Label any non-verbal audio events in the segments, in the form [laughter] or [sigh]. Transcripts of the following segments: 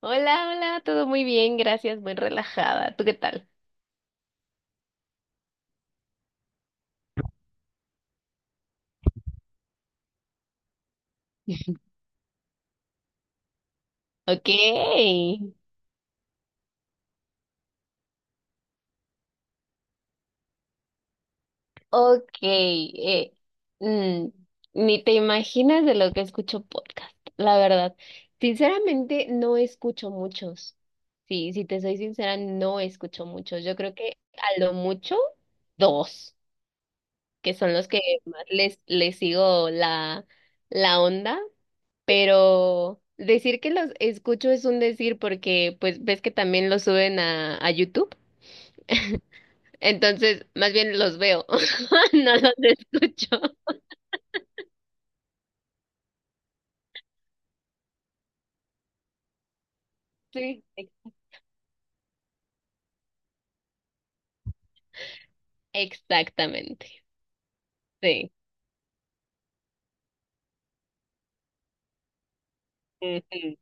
Hola, hola, todo muy bien, gracias, muy relajada. ¿Tú qué tal? Ok, ok. Mm, Ni te imaginas de lo que escucho podcast, la verdad. Sinceramente, no escucho muchos. Sí, si te soy sincera, no escucho muchos. Yo creo que a lo mucho dos, que son los que más les sigo la onda, pero decir que los escucho es un decir porque pues ves que también los suben a YouTube. Entonces, más bien los veo, [laughs] no los escucho. Sí. Exactamente. Sí. Ujú.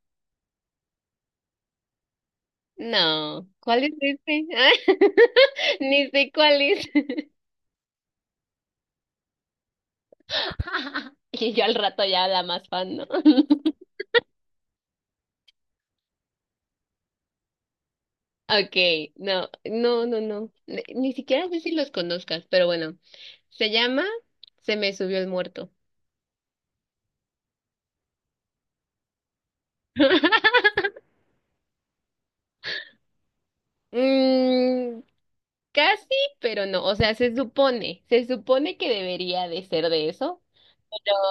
No, ¿cuál es este? [laughs] Ni sé cuál es. [laughs] Y yo al rato ya la más fan, ¿no? [laughs] Okay, no, no, no, no. Ni, siquiera sé si los conozcas, pero bueno. Se llama Se me subió el muerto. [laughs] Mm, Casi, pero no. O sea, se supone que debería de ser de eso, pero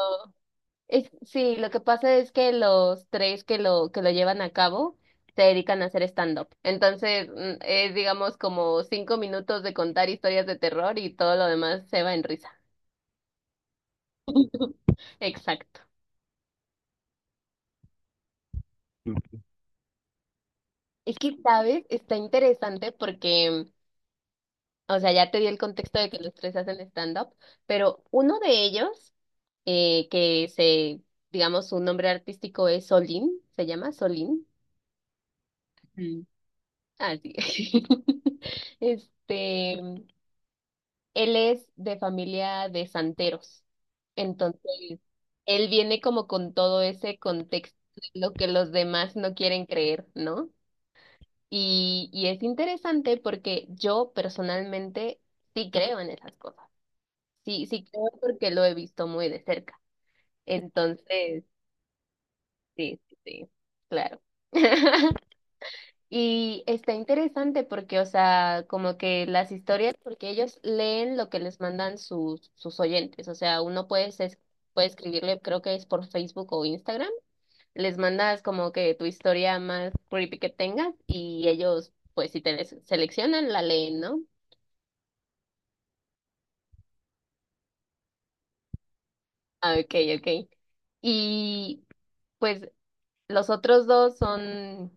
es, sí, lo que pasa es que los tres que lo llevan a cabo se dedican a hacer stand-up. Entonces, es digamos como 5 minutos de contar historias de terror y todo lo demás se va en risa. [laughs] Exacto. Es que, ¿sabes? Está interesante porque, o sea, ya te di el contexto de que los tres hacen stand-up, pero uno de ellos que se, digamos, su nombre artístico es Solín, se llama Solín. Mm. Ah, sí. [laughs] Este, él es de familia de santeros. Entonces, él viene como con todo ese contexto de lo que los demás no quieren creer, ¿no? Y es interesante porque yo personalmente sí creo en esas cosas. Sí, sí creo porque lo he visto muy de cerca. Entonces, sí, sí, sí, claro. [laughs] Y está interesante porque, o sea, como que las historias, porque ellos leen lo que les mandan sus oyentes, o sea, uno puede, puede escribirle, creo que es por Facebook o Instagram, les mandas como que tu historia más creepy que tengas y ellos, pues si te les seleccionan, la leen, ¿no? Ah, ok, ok. Y pues los otros dos son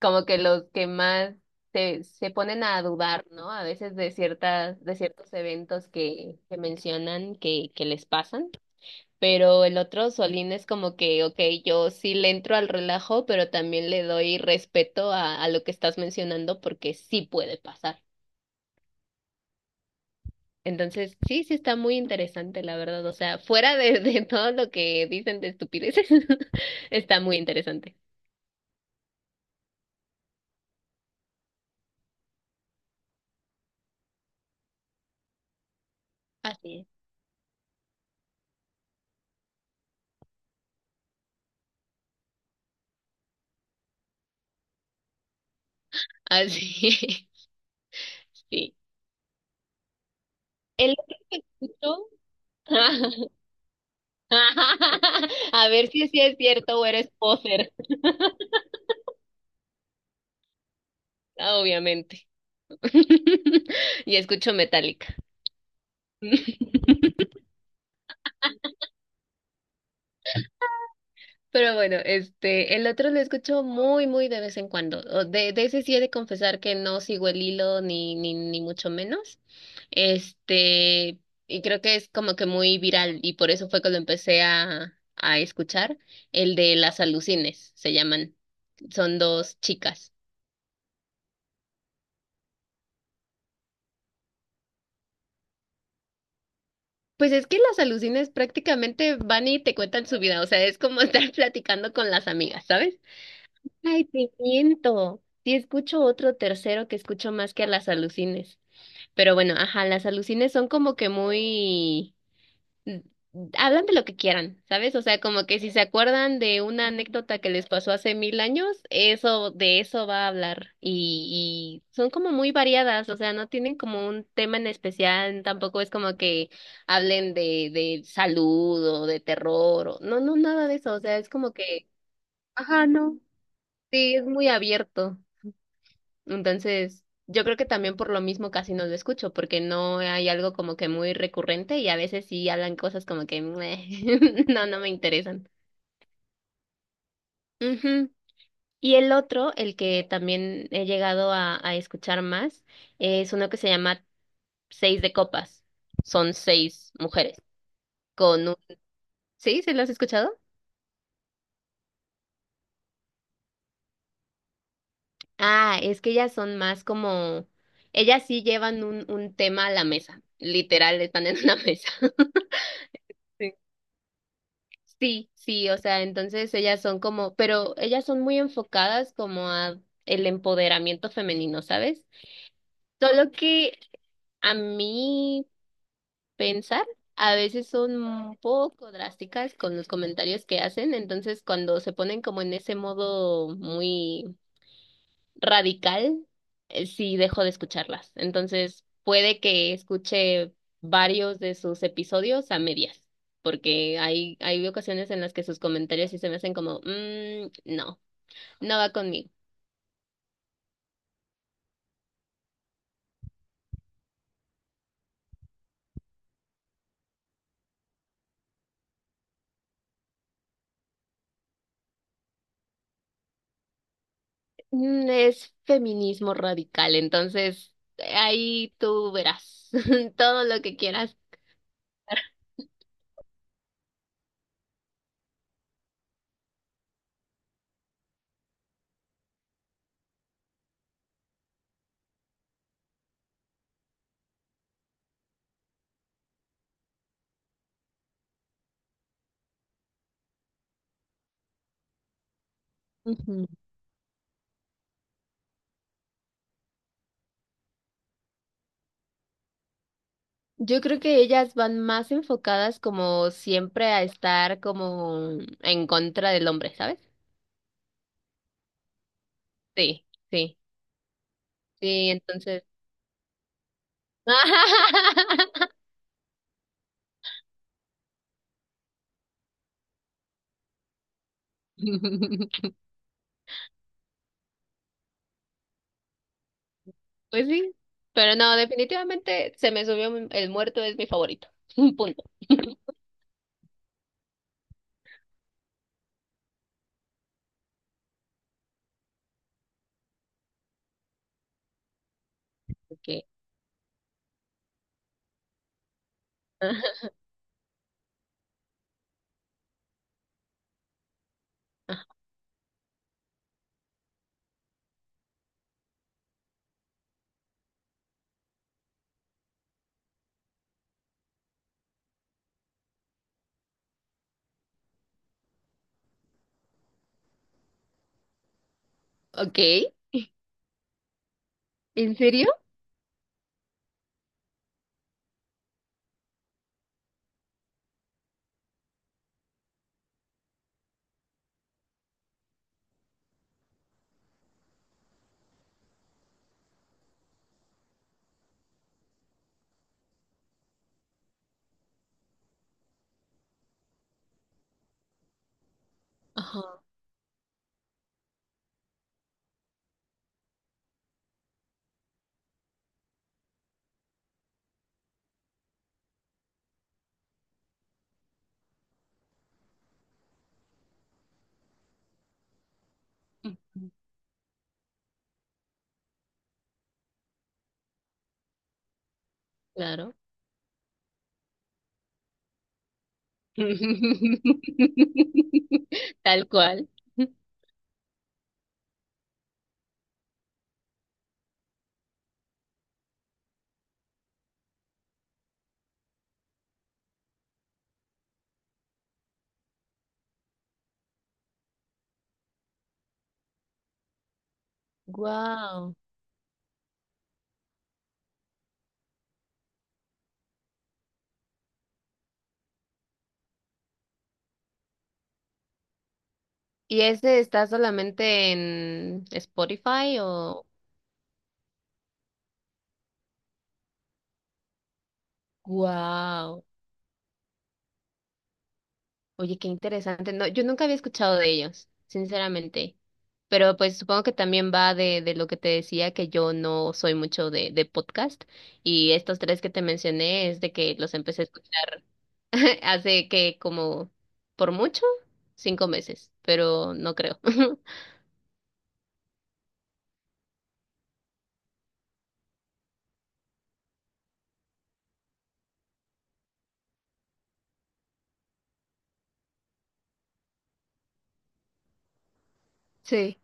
como que los que más se, se ponen a dudar, ¿no? A veces de ciertas, de ciertos eventos que mencionan que les pasan. Pero el otro Solín es como que, ok, yo sí le entro al relajo, pero también le doy respeto a lo que estás mencionando porque sí puede pasar. Entonces, sí, sí está muy interesante, la verdad. O sea, fuera de todo lo que dicen de estupideces, [laughs] está muy interesante. Así es. Así es. [laughs] Sí. El otro que escucho [laughs] a ver si sí es cierto o eres poser. Ah, obviamente. [laughs] Y escucho Metallica. [laughs] Pero bueno, este, el otro lo escucho muy, muy de vez en cuando. O de ese sí he de confesar que no sigo el hilo ni, ni mucho menos. Este, y creo que es como que muy viral y por eso fue que lo empecé a escuchar. El de las alucines, se llaman. Son dos chicas. Pues es que las alucines prácticamente van y te cuentan su vida, o sea, es como estar [laughs] platicando con las amigas, ¿sabes? Ay, te miento. Sí, escucho otro tercero que escucho más que a las alucines. Pero bueno, ajá, las alucines son como que muy mm, hablan de lo que quieran, ¿sabes? O sea, como que si se acuerdan de una anécdota que les pasó hace mil años, eso, de eso va a hablar. Y son como muy variadas, o sea, no tienen como un tema en especial, tampoco es como que hablen de salud o de terror, o, no, no, nada de eso, o sea, es como que, ajá, no, sí, es muy abierto. Entonces, yo creo que también por lo mismo casi no lo escucho, porque no hay algo como que muy recurrente y a veces sí hablan cosas como que "Meh, [laughs] no, no me interesan". Ujú. Y el otro, el que también he llegado a escuchar más, es uno que se llama Seis de Copas. Son seis mujeres con un... ¿Sí? ¿Se lo has escuchado? Ah, es que ellas son más como... Ellas sí llevan un tema a la mesa. Literal, están en una [laughs] mesa. Sí, sí, o sea, entonces ellas son como, pero ellas son muy enfocadas como a el empoderamiento femenino, ¿sabes? Solo que a mi pensar, a veces son un poco drásticas con los comentarios que hacen, entonces cuando se ponen como en ese modo muy radical, sí dejo de escucharlas. Entonces, puede que escuche varios de sus episodios a medias, porque hay ocasiones en las que sus comentarios sí se me hacen como, "Mm, no, no va conmigo". Es feminismo radical, entonces ahí tú verás [laughs] todo lo que quieras. Ujú. Yo creo que ellas van más enfocadas como siempre a estar como en contra del hombre, ¿sabes? Sí, sí, sí, entonces. [laughs] Pues sí, pero no, definitivamente se me subió el muerto, es mi favorito. [laughs] Punto. Okay. Ajá. Ok. ¿En serio? Ajá. Ujú. Claro. [laughs] Tal cual. Wow. ¿Y ese está solamente en Spotify o? Wow. Oye, qué interesante. No, yo nunca había escuchado de ellos, sinceramente. Pero pues supongo que también va de lo que te decía, que yo no soy mucho de podcast y estos tres que te mencioné es de que los empecé a escuchar [laughs] hace que como por mucho, 5 meses, pero no creo. [laughs] Sí.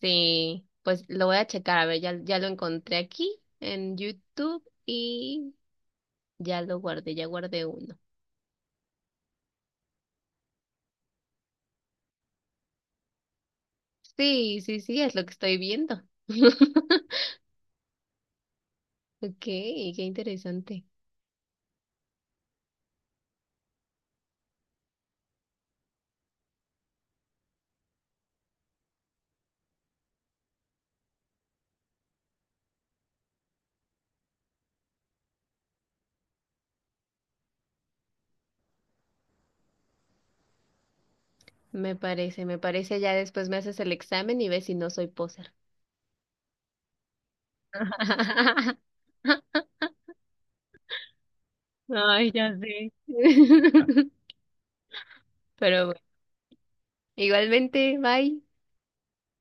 Sí, pues lo voy a checar, a ver, ya, ya lo encontré aquí en YouTube y ya lo guardé, ya guardé uno. Sí, sí, sí, es lo que estoy viendo. [laughs] Ok, qué interesante. Me parece, me parece. Ya después me haces el examen y ves si no soy poser. [laughs] Ay, ya sé. [laughs] Pero bueno, igualmente, bye.